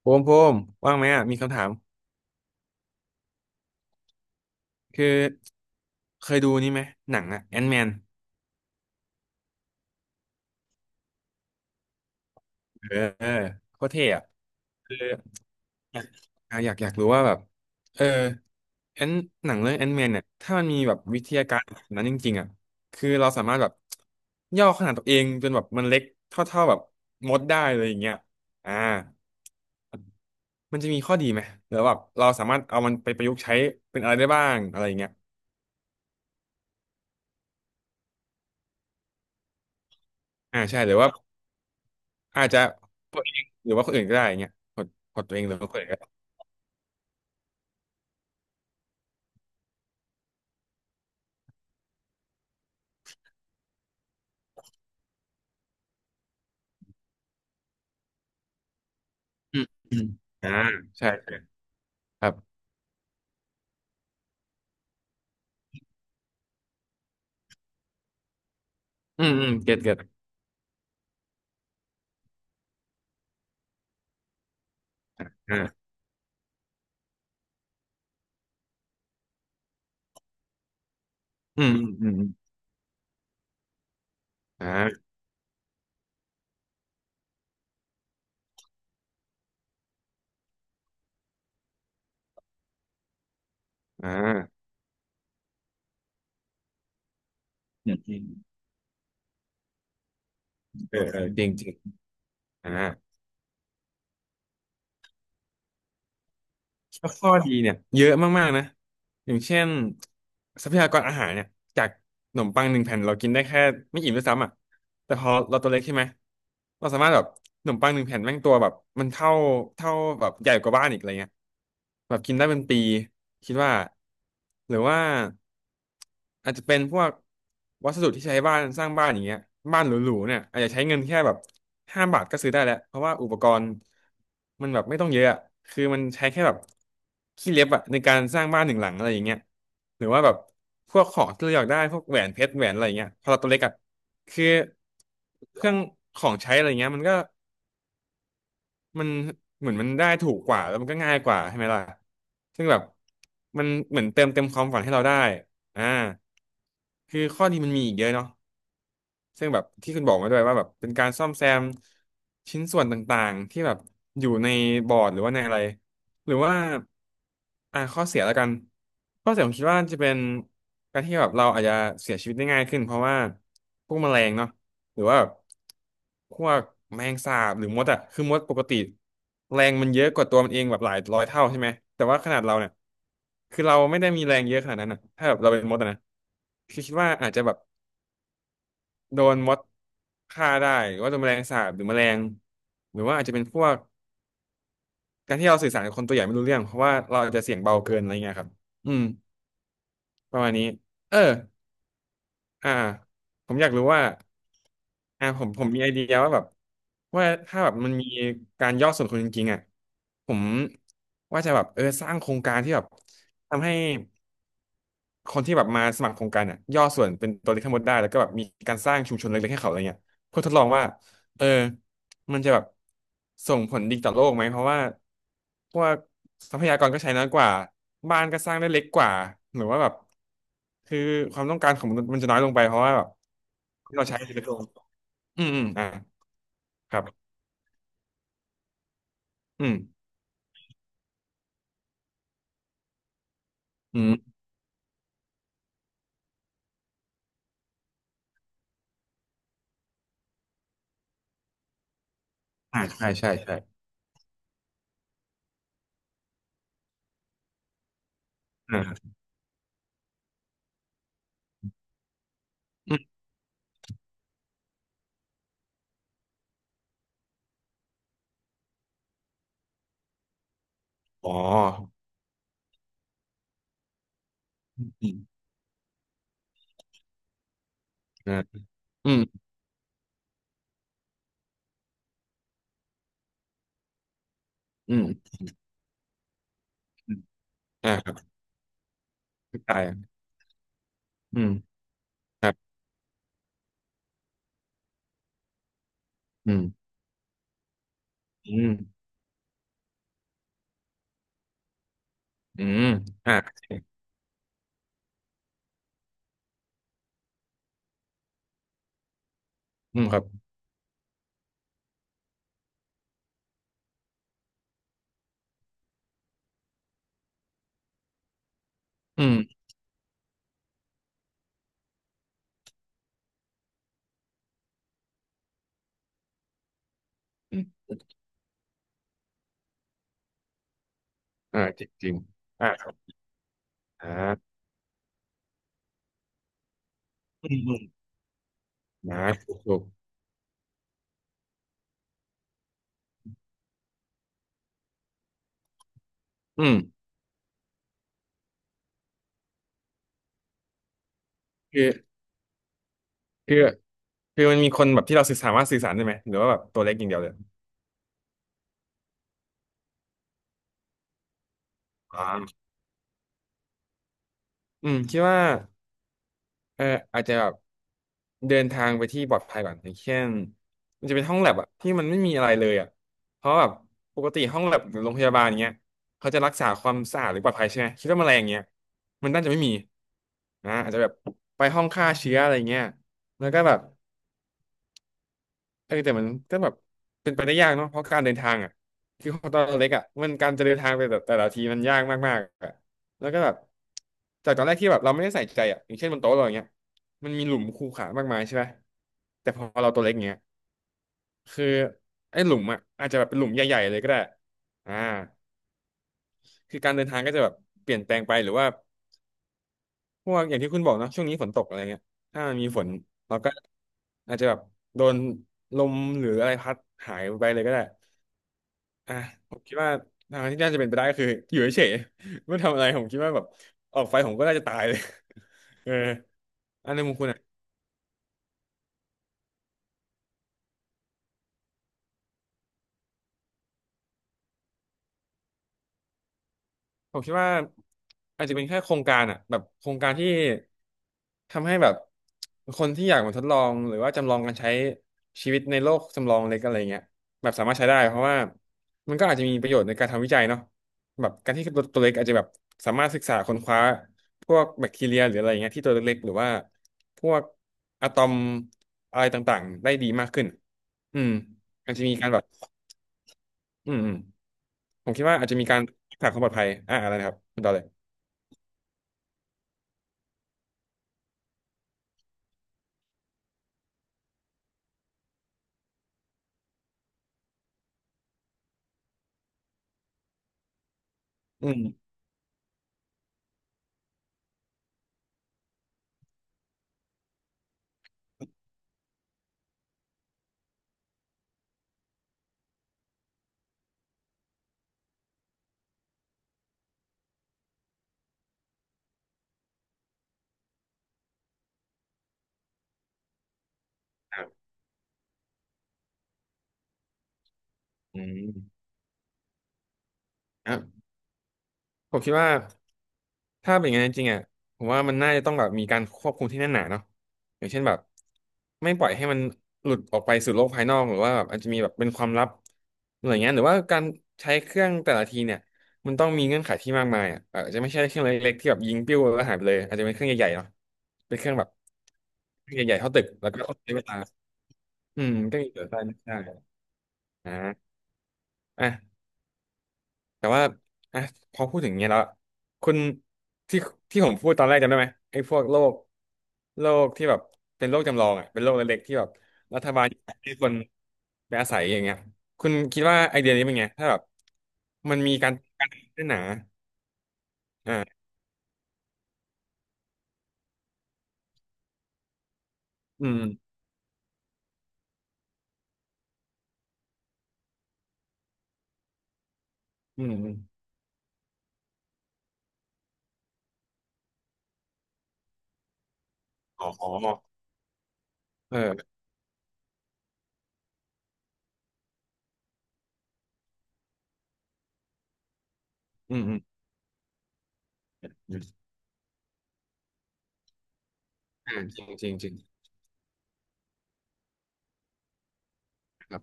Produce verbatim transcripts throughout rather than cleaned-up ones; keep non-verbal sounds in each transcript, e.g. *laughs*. โพมโพมว่างไหมอ่ะมีคำถามคือเคยดูนี่ไหมหนังอ่ะแอนแมนเออเออโคตรเท่อ่ะคืออยากอ่ะอยากอยากรู้ว่าแบบเออแอนหนังเรื่องแอนแมนเนี่ยถ้ามันมีแบบวิทยาการแบบนั้นจริงๆอ่ะคือเราสามารถแบบย่อขนาดตัวเองจนแบบมันเล็กเท่าๆแบบมดได้เลยอย่างเงี้ยอ่ามันจะมีข้อดีไหมหรือว่าแบบเราสามารถเอามันไปประยุกต์ใช้เป็นอะไรได้บ้างอะไรอย่างเงี้ยอ่าใช่หรือว่าอาจจะหรือว่าคนอื่นก็ได้อย่างเงี้ยหดหดตัวเองหรือว่าคนอื่นก็ อืมอืมอ่าใช่ใช่ครับอืมอืมเก็ตเก็ตอ่าอืมอืมอืมอ่าอ่าอมอืมเออเออจริงจริงอ่าแล้วข้อดีเนี่ยเยอะมากๆนะอย่างเช่นทรัพยากรอาหารเนี่ยจากขนมปังหนึ่งแผ่นเรากินได้แค่ไม่อิ่มด้วยซ้ำอ่ะแต่พอเราตัวเล็กใช่ไหมเราสามารถแบบขนมปังหนึ่งแผ่นแม่งตัวแบบมันเท่าเท่าแบบใหญ่กว่าบ้านอีกอะไรเงี้ย แบบกินได้เป็นปีคิดว่าหรือว่าอาจจะเป็นพวกวัสดุที่ใช้บ้านสร้างบ้านอย่างเงี้ยบ้านหรูๆเนี่ยอาจจะใช้เงินแค่แบบห้าบาทก็ซื้อได้แล้วเพราะว่าอุปกรณ์มันแบบไม่ต้องเยอะอะคือมันใช้แค่แบบขี้เล็บอะในการสร้างบ้านหนึ่งหลังอะไรอย่างเงี้ยหรือว่าแบบพวกของที่เราอยากได้พวกแหวนเพชรแหวนอะไรอย่างเงี้ยพอเราตัวเล็กอะคือเครื่องของใช้อะไรเงี้ยมันก็ มันเหมือนมันได้ถูกกว่าแล้วมันก็ง่ายกว่าใช่ไหมล่ะ ซึ่งแบบมันเหมือนเติมเต็มความฝันให้เราได้อ่าคือข้อดีมันมีอีกเยอะเนาะ ซึ่งแบบที่คุณบอกมาด้วยว่าแบบเป็นการซ่อมแซมชิ้นส่วนต่างๆที่แบบอยู่ในบอร์ดหรือว่าในอะไรหรือว่าอ่าข้อเสียแล้วกันข้อเสียผมคิดว่าจะเป็นการที่แบบเราอาจจะเสียชีวิตได้ง่ายขึ้นเพราะว่าพวกแมลงเนาะหรือว่าแบบพวกแมลงสาบหรือมดอะคือมดปกติแรงมันเยอะกว่าตัวมันเองแบบหลายร้อยเท่าใช่ไหมแต่ว่าขนาดเราเนี่ยคือเราไม่ได้มีแรงเยอะขนาดนั้นอะถ้าแบบเราเป็นมดอะนะคือคิดว่าอาจจะแบบ โดนมดฆ่าได้หรือว่าโดนแมลงสาบหรือแมลงหรือว่าอาจจะเป็นพวกการที่เราสื่อสารกับคนตัวใหญ่ไม่รู้เรื่อง เพราะว่าเราอาจจะเสียงเบาเกินอะไรเงี้ยครับอืมประมาณนี้เอออ่าผมอยากรู้ว่าอ่าผมผมมีไอเดียว่าแบบว่าถ้าแบบมันมีการย่อส่วนคนจริงๆอ่ะผมว่าจะแบบเออสร้างโครงการที่แบบทำให้ คนที่แบบมาสมัครโครงการเนี่ยย่อส่วนเป็นตัวเลขทั้งหมดได้แล้วก็แบบมีการสร้างชุมชนเล็กๆให้เขาอะไรเงี้ยเพื่อทดลองว่าเออมันจะแบบส่งผลดีต่อโลกไหมเพราะว่าพวกทรัพยากรก็ใช้น้อยกว่าบ้านก็สร้างได้เล็กกว่าหรือว่าแบบคือความต้องการของมนุษย์มันจะน้อยลงไปเพราะว่าแบบที่เราใช้จะเล็กลงอืมอืมอ่าครับอืมอืมอ่าใช่ใช่ใช่อ่าอืมอ๋ออืมอ่าอืมอืมอมอ่าครับเข้าใจอืมครับอืม อืมอืมอ่าอืมครับอืมอืมอ่าจริงจริงอ่าครับอ่าอืมอืมนะถูกถูกอืมคือคือคือมันมีคนแบบที่เราสื่อสามารถสื่อสารได้ไหมหรือว่าแบบตัวเล็กอย่างเดียวเลยอ่าอืมคิดว่า เอออาจจะแบบเดินทางไปที่ปลอดภัยก่อนอย่างเช่นมันจะเป็นห้องแลบอะที่มันไม่มีอะไรเลยอะเพราะแบบปกติห้องแลบหรือโรงพยาบาลอย่างเงี้ยเขาจะรักษาความสะอาดหรือปลอดภัยใช่ไหมคิดว่าแมลงอย่างเงี้ยมันน่าจะไม่มีนะอาจจะแบบไปห้องฆ่าเชื้ออะไรเงี้ยแล้วก็แบบ เออแต่มันก็แบบเป็นไปได้ยากเนาะเพราะการเดินทางอ่ะคือของตอนเล็กอ่ะมันการจะเดินทางไปแต่แต่ละทีมันยากมากๆอ่ะแล้วก็แบบจากตอนแรกที่แบบเราไม่ได้ใส่ใจอ่ะอย่างเช่นบนโต๊ะเราอย่างเงี้ยมันมีหลุมคูขามากมายใช่ไหมแต่พอเราตัวเล็กเงี้ยคือไอ้หลุมอ่ะอาจจะแบบเป็นหลุมใหญ่ๆเลยก็ได้อ่าคือการเดินทางก็จะแบบเปลี่ยนแปลงไปหรือว่าพวกอย่างที่คุณบอกเนาะช่วงนี้ฝนตกอะไรเงี้ยถ้ามันมีฝนเราก็อาจจะแบบโดนลมหรืออะไรพัดหายไปเลยก็ได้ อ่ะผมคิดว่าทางที่น่าจะเป็นไปได้ก็คืออยู่เฉยๆไม่ทำอะไรผมคิดว่าแบบออกไปผมก็น่าจะตายเลย *laughs* เอออันในมุมคุณอ่ะ ผมคิดว่าอาจจะเป็นแค่โครงการอ่ะแบบโครงการที่ทำให้แบบคนที่อยากมาทดลองหรือว่าจำลองการใช้ชีวิตในโลกจำลองเล็กอะไรเงี้ยแบบสามารถใช้ได้เพราะว่ามันก็อาจจะมีประโยชน์ในการทำวิจัยเนาะแบบการที่ตัวตัวเล็กอาจจะแบบสามารถศึกษาค้นคว้าพวกแบคทีเรียหรืออะไรเงี้ยที่ตัวเล็กๆหรือว่าพวกอะตอมอะไรต่างๆได้ดีมากขึ้นอืมอาจจะมีการแบบอืมอืมผมคิดว่าอาจจะมีการรักษาความปลอดภัยอ่าอะไรนะครับคุณต่อเลยอืม ครับอืมครับผมคิดว่าถ้าเป็นอย่างนั้นจริงๆอ่ะผมว่ามันน่าจะต้องแบบมีการควบคุมที่แน่นหนาเนาะอย่างเช่นแบบไม่ปล่อยให้มันหลุดออกไปสู่โลกภายนอกหรือว่าแบบอาจจะมีแบบเป็นความลับอะไรเงี้ยหรือว่าการใช้เครื่องแต่ละทีเนี่ยมันต้องมีเงื่อนไขที่มากมายอ่ะอาจจะไม่ใช่เครื่องเล็กๆที่แบบยิงปิ้วแล้วหายไปเลยอาจจะเป็นเครื่องใหญ่ๆเนาะเป็นเครื่องแบบเครื่องใหญ่ๆเท่าตึกแล้วก็ต้องใช้เวลาอืมก็มีเกิดได้นะใช่อ่าอ่ะ แต่ว่าอ่ะพอพูดถึงอย่างเงี้ยแล้วคุณที่ที่ผมพูดตอนแรกจำได้ไหมไอ้พวกโรคโรคที่แบบเป็นโรคจำลองอ่ะเป็นโรคเล็กๆที่แบบรัฐบาลให้คนไปอาศัยอย่างเงี้ยคุณคิดว่าไอเดียนี้เป็นไงถ้าแบบมันมีการกันนหนาอ่าอืมอืมอมอ๋อเอออืมอืมอืมอ่าจริงจริงจริงครับ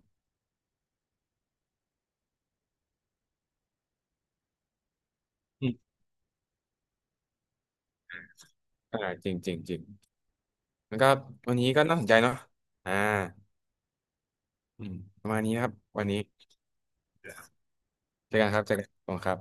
อืมอ่าจริงจริงจริงแล้วก็วันนี้ก็น่าสนใจเนาะอ่าอืมประมาณนี้นะครับวันนี้ เจอกันครับเจอกันขอบคุณครับ